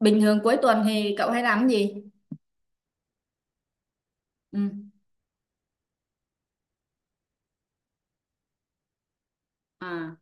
Bình thường cuối tuần thì cậu hay làm cái gì? Ừ. À,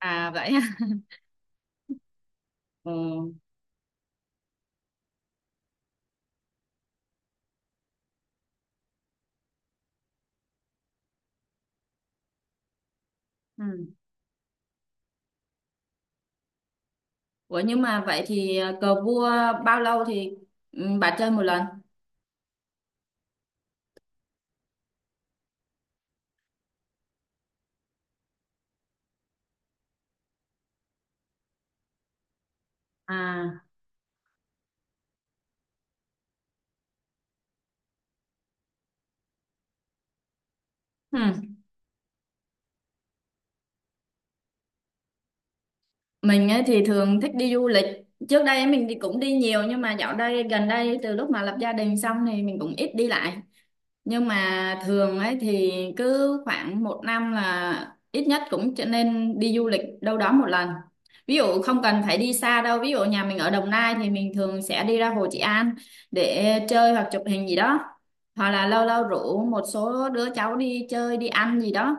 à vậy ha. Ừ. Ừ. Ủa nhưng mà vậy thì à, cờ vua bao lâu thì ừ, bà chơi một lần? À. Ừ. Mình ấy thì thường thích đi du lịch. Trước đây ấy mình thì cũng đi nhiều nhưng mà dạo đây gần đây từ lúc mà lập gia đình xong thì mình cũng ít đi lại. Nhưng mà thường ấy thì cứ khoảng một năm là ít nhất cũng trở nên đi du lịch đâu đó một lần, ví dụ không cần phải đi xa đâu, ví dụ nhà mình ở Đồng Nai thì mình thường sẽ đi ra Hồ Trị An để chơi hoặc chụp hình gì đó, hoặc là lâu lâu rủ một số đứa cháu đi chơi đi ăn gì đó.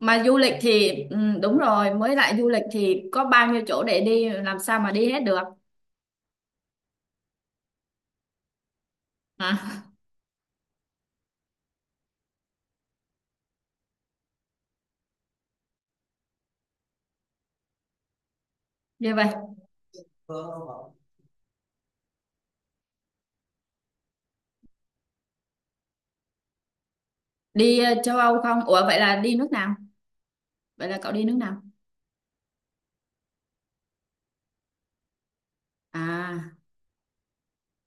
Mà du lịch thì ừ, đúng rồi, mới lại du lịch thì có bao nhiêu chỗ để đi làm sao mà đi hết được. À, như vậy. Đi châu Âu không, ủa vậy là đi nước nào, vậy là cậu đi nước nào? À,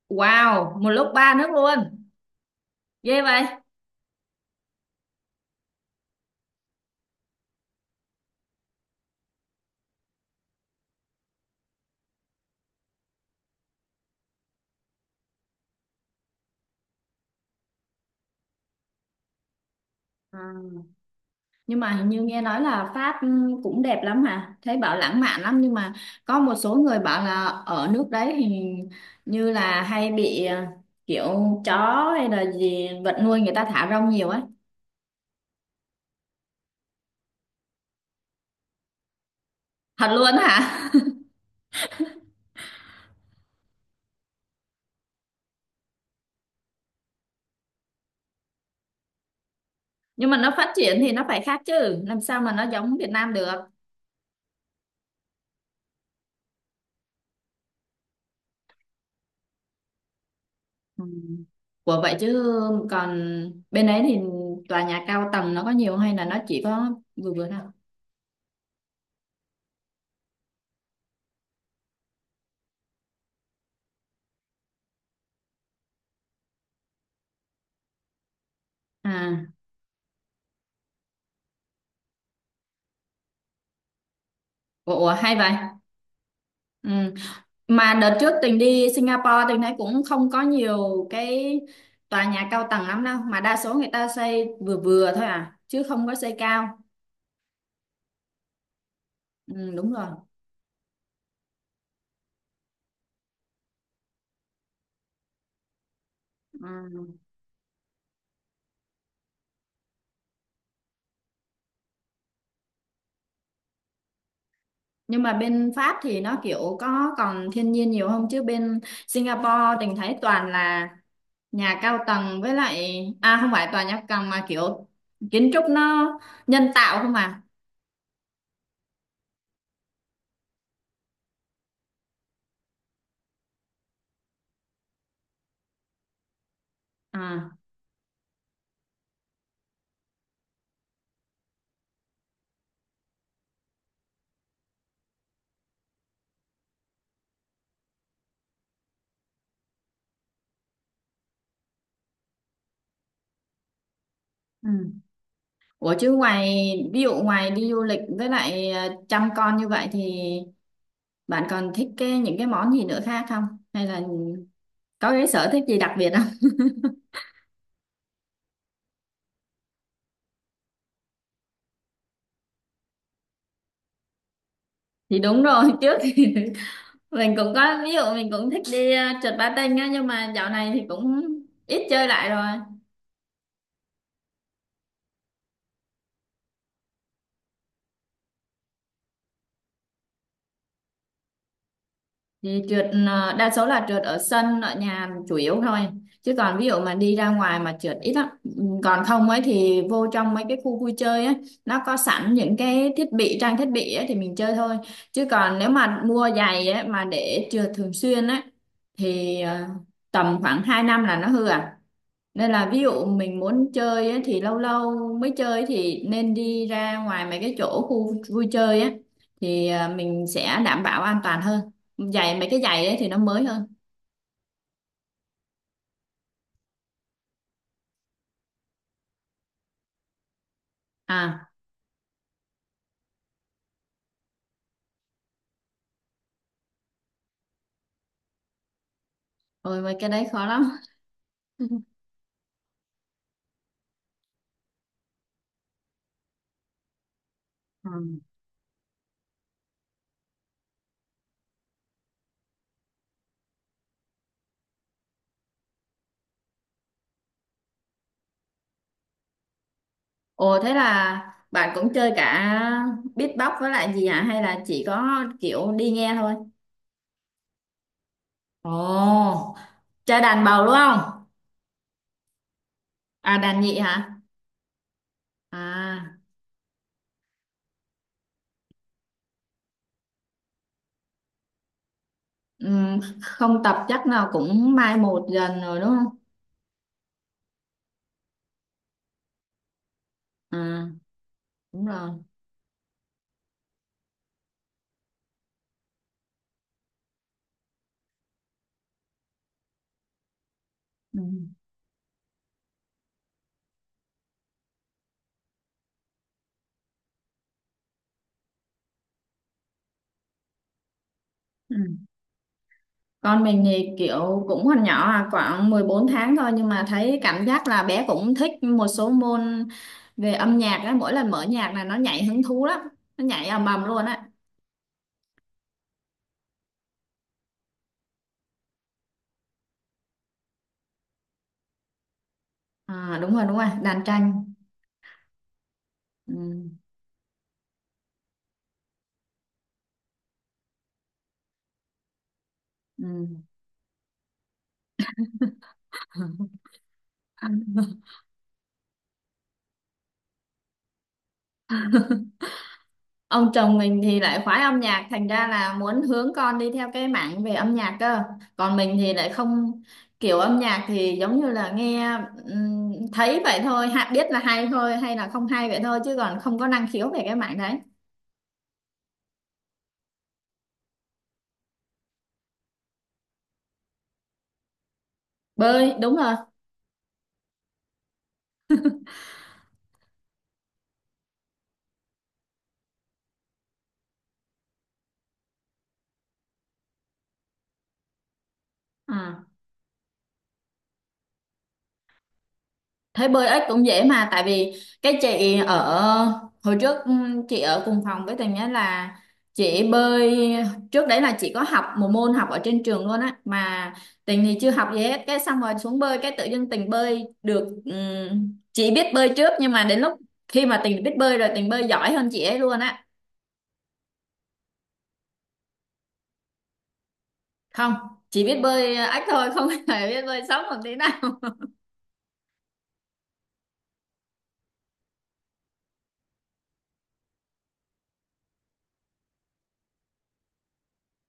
wow, một lúc ba nước luôn. Ghê vậy. À. Nhưng mà hình như nghe nói là Pháp cũng đẹp lắm hả? Thấy bảo lãng mạn lắm nhưng mà có một số người bảo là ở nước đấy thì như là hay bị kiểu chó hay là gì vật nuôi người ta thả rong nhiều ấy. Thật luôn hả? Nhưng mà nó phát triển thì nó phải khác chứ, làm sao mà nó giống Việt Nam được. Ừ. Ủa vậy chứ còn bên đấy thì tòa nhà cao tầng nó có nhiều hay là nó chỉ có vừa vừa thôi? À. Ủa, ủa, hay vậy. Ừ. Mà đợt trước Tình đi Singapore Tình thấy cũng không có nhiều cái tòa nhà cao tầng lắm đâu. Mà đa số người ta xây vừa vừa thôi à. Chứ không có xây cao. Ừ, đúng rồi. Ừ. Nhưng mà bên Pháp thì nó kiểu có còn thiên nhiên nhiều không? Chứ bên Singapore Tình thấy toàn là nhà cao tầng với lại... À không phải tòa nhà cao tầng mà kiểu kiến trúc nó nhân tạo không à. À. Ừ. Ủa chứ ngoài ví dụ ngoài đi du lịch với lại chăm con như vậy thì bạn còn thích cái những cái món gì nữa khác không? Hay là có cái sở thích gì đặc biệt không? Thì đúng rồi, trước thì mình cũng có, ví dụ mình cũng thích đi trượt patin á, nhưng mà dạo này thì cũng ít chơi lại rồi. Thì trượt đa số là trượt ở sân ở nhà chủ yếu thôi, chứ còn ví dụ mà đi ra ngoài mà trượt ít lắm. Ừ, còn không ấy thì vô trong mấy cái khu vui chơi ấy, nó có sẵn những cái thiết bị trang thiết bị ấy thì mình chơi thôi, chứ còn nếu mà mua giày ấy mà để trượt thường xuyên ấy thì tầm khoảng 2 năm là nó hư à, nên là ví dụ mình muốn chơi á, thì lâu lâu mới chơi thì nên đi ra ngoài mấy cái chỗ khu vui chơi á thì à, mình sẽ đảm bảo an toàn hơn. Giày, mấy cái giày ấy thì nó mới hơn. À, ôi mấy cái đấy khó lắm. Ừ. Ồ thế là bạn cũng chơi cả beatbox với lại gì hả, hay là chỉ có kiểu đi nghe thôi? Ồ, chơi đàn bầu đúng không? À đàn nhị hả? À, không tập chắc nào cũng mai một dần rồi đúng không? À, đúng rồi. Ừ. Ừ. Con mình thì kiểu cũng còn nhỏ à, khoảng 14 tháng thôi, nhưng mà thấy cảm giác là bé cũng thích một số môn về âm nhạc á, mỗi lần mở nhạc là nó nhảy hứng thú lắm, nó nhảy ầm ầm luôn á. À, đúng rồi, đàn tranh. Ừ. Ừ. Ông chồng mình thì lại khoái âm nhạc thành ra là muốn hướng con đi theo cái mảng về âm nhạc cơ, còn mình thì lại không, kiểu âm nhạc thì giống như là nghe thấy vậy thôi ha, biết là hay thôi hay là không hay vậy thôi, chứ còn không có năng khiếu về cái mảng đấy. Bơi đúng rồi. À. Thấy bơi ếch cũng dễ mà, tại vì cái chị ở hồi trước chị ở cùng phòng với Tường nhé, là chị bơi trước đấy, là chị có học một môn học ở trên trường luôn á, mà Tình thì chưa học gì hết, cái xong rồi xuống bơi cái tự dưng Tình bơi được. Ừm, chị biết bơi trước nhưng mà đến lúc khi mà Tình biết bơi rồi Tình bơi giỏi hơn chị ấy luôn á. Không, chỉ biết bơi ếch thôi, không hề biết bơi sóng một tí nào.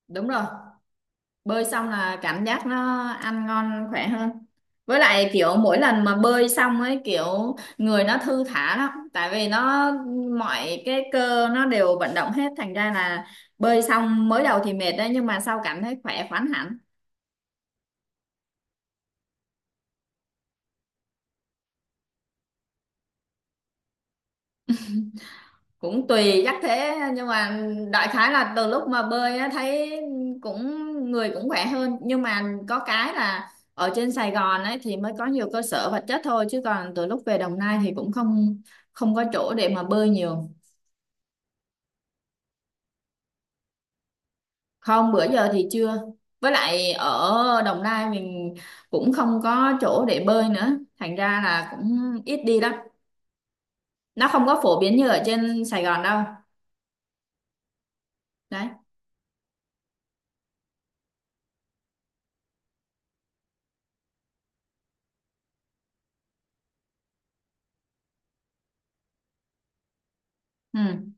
Đúng rồi, bơi xong là cảm giác nó ăn ngon khỏe hơn, với lại kiểu mỗi lần mà bơi xong ấy kiểu người nó thư thả lắm, tại vì nó mọi cái cơ nó đều vận động hết, thành ra là bơi xong mới đầu thì mệt đấy nhưng mà sau cảm thấy khỏe khoắn hẳn. Cũng tùy chắc thế, nhưng mà đại khái là từ lúc mà bơi á, thấy cũng người cũng khỏe hơn, nhưng mà có cái là ở trên Sài Gòn ấy thì mới có nhiều cơ sở vật chất thôi, chứ còn từ lúc về Đồng Nai thì cũng không không có chỗ để mà bơi nhiều. Không, bữa giờ thì chưa, với lại ở Đồng Nai mình cũng không có chỗ để bơi nữa, thành ra là cũng ít đi lắm. Nó không có phổ biến như ở trên Sài Gòn đâu. Đấy, ừ,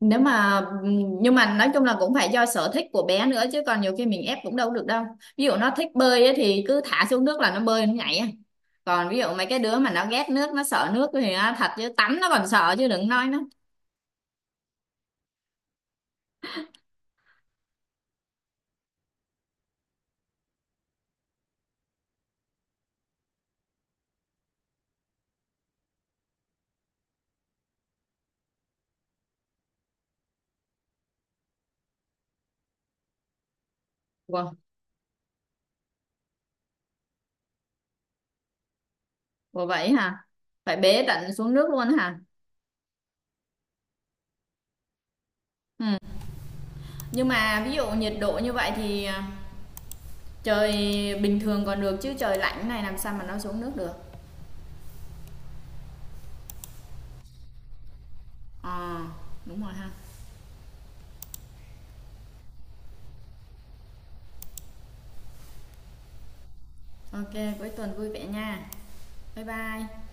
nếu mà nhưng mà nói chung là cũng phải do sở thích của bé nữa, chứ còn nhiều khi mình ép cũng đâu được đâu. Ví dụ nó thích bơi ấy, thì cứ thả xuống nước là nó bơi nó nhảy à. Còn ví dụ mấy cái đứa mà nó ghét nước nó sợ nước thì á, thật chứ tắm nó còn sợ chứ đừng nói nó. Wow, wow vậy hả, phải bế tận xuống nước luôn hả? Ừ. Nhưng mà ví dụ nhiệt độ như vậy thì à, trời bình thường còn được chứ trời lạnh này làm sao mà nó xuống nước được. Ờ, đúng rồi ha. OK, cuối tuần vui vẻ nha, bye bye.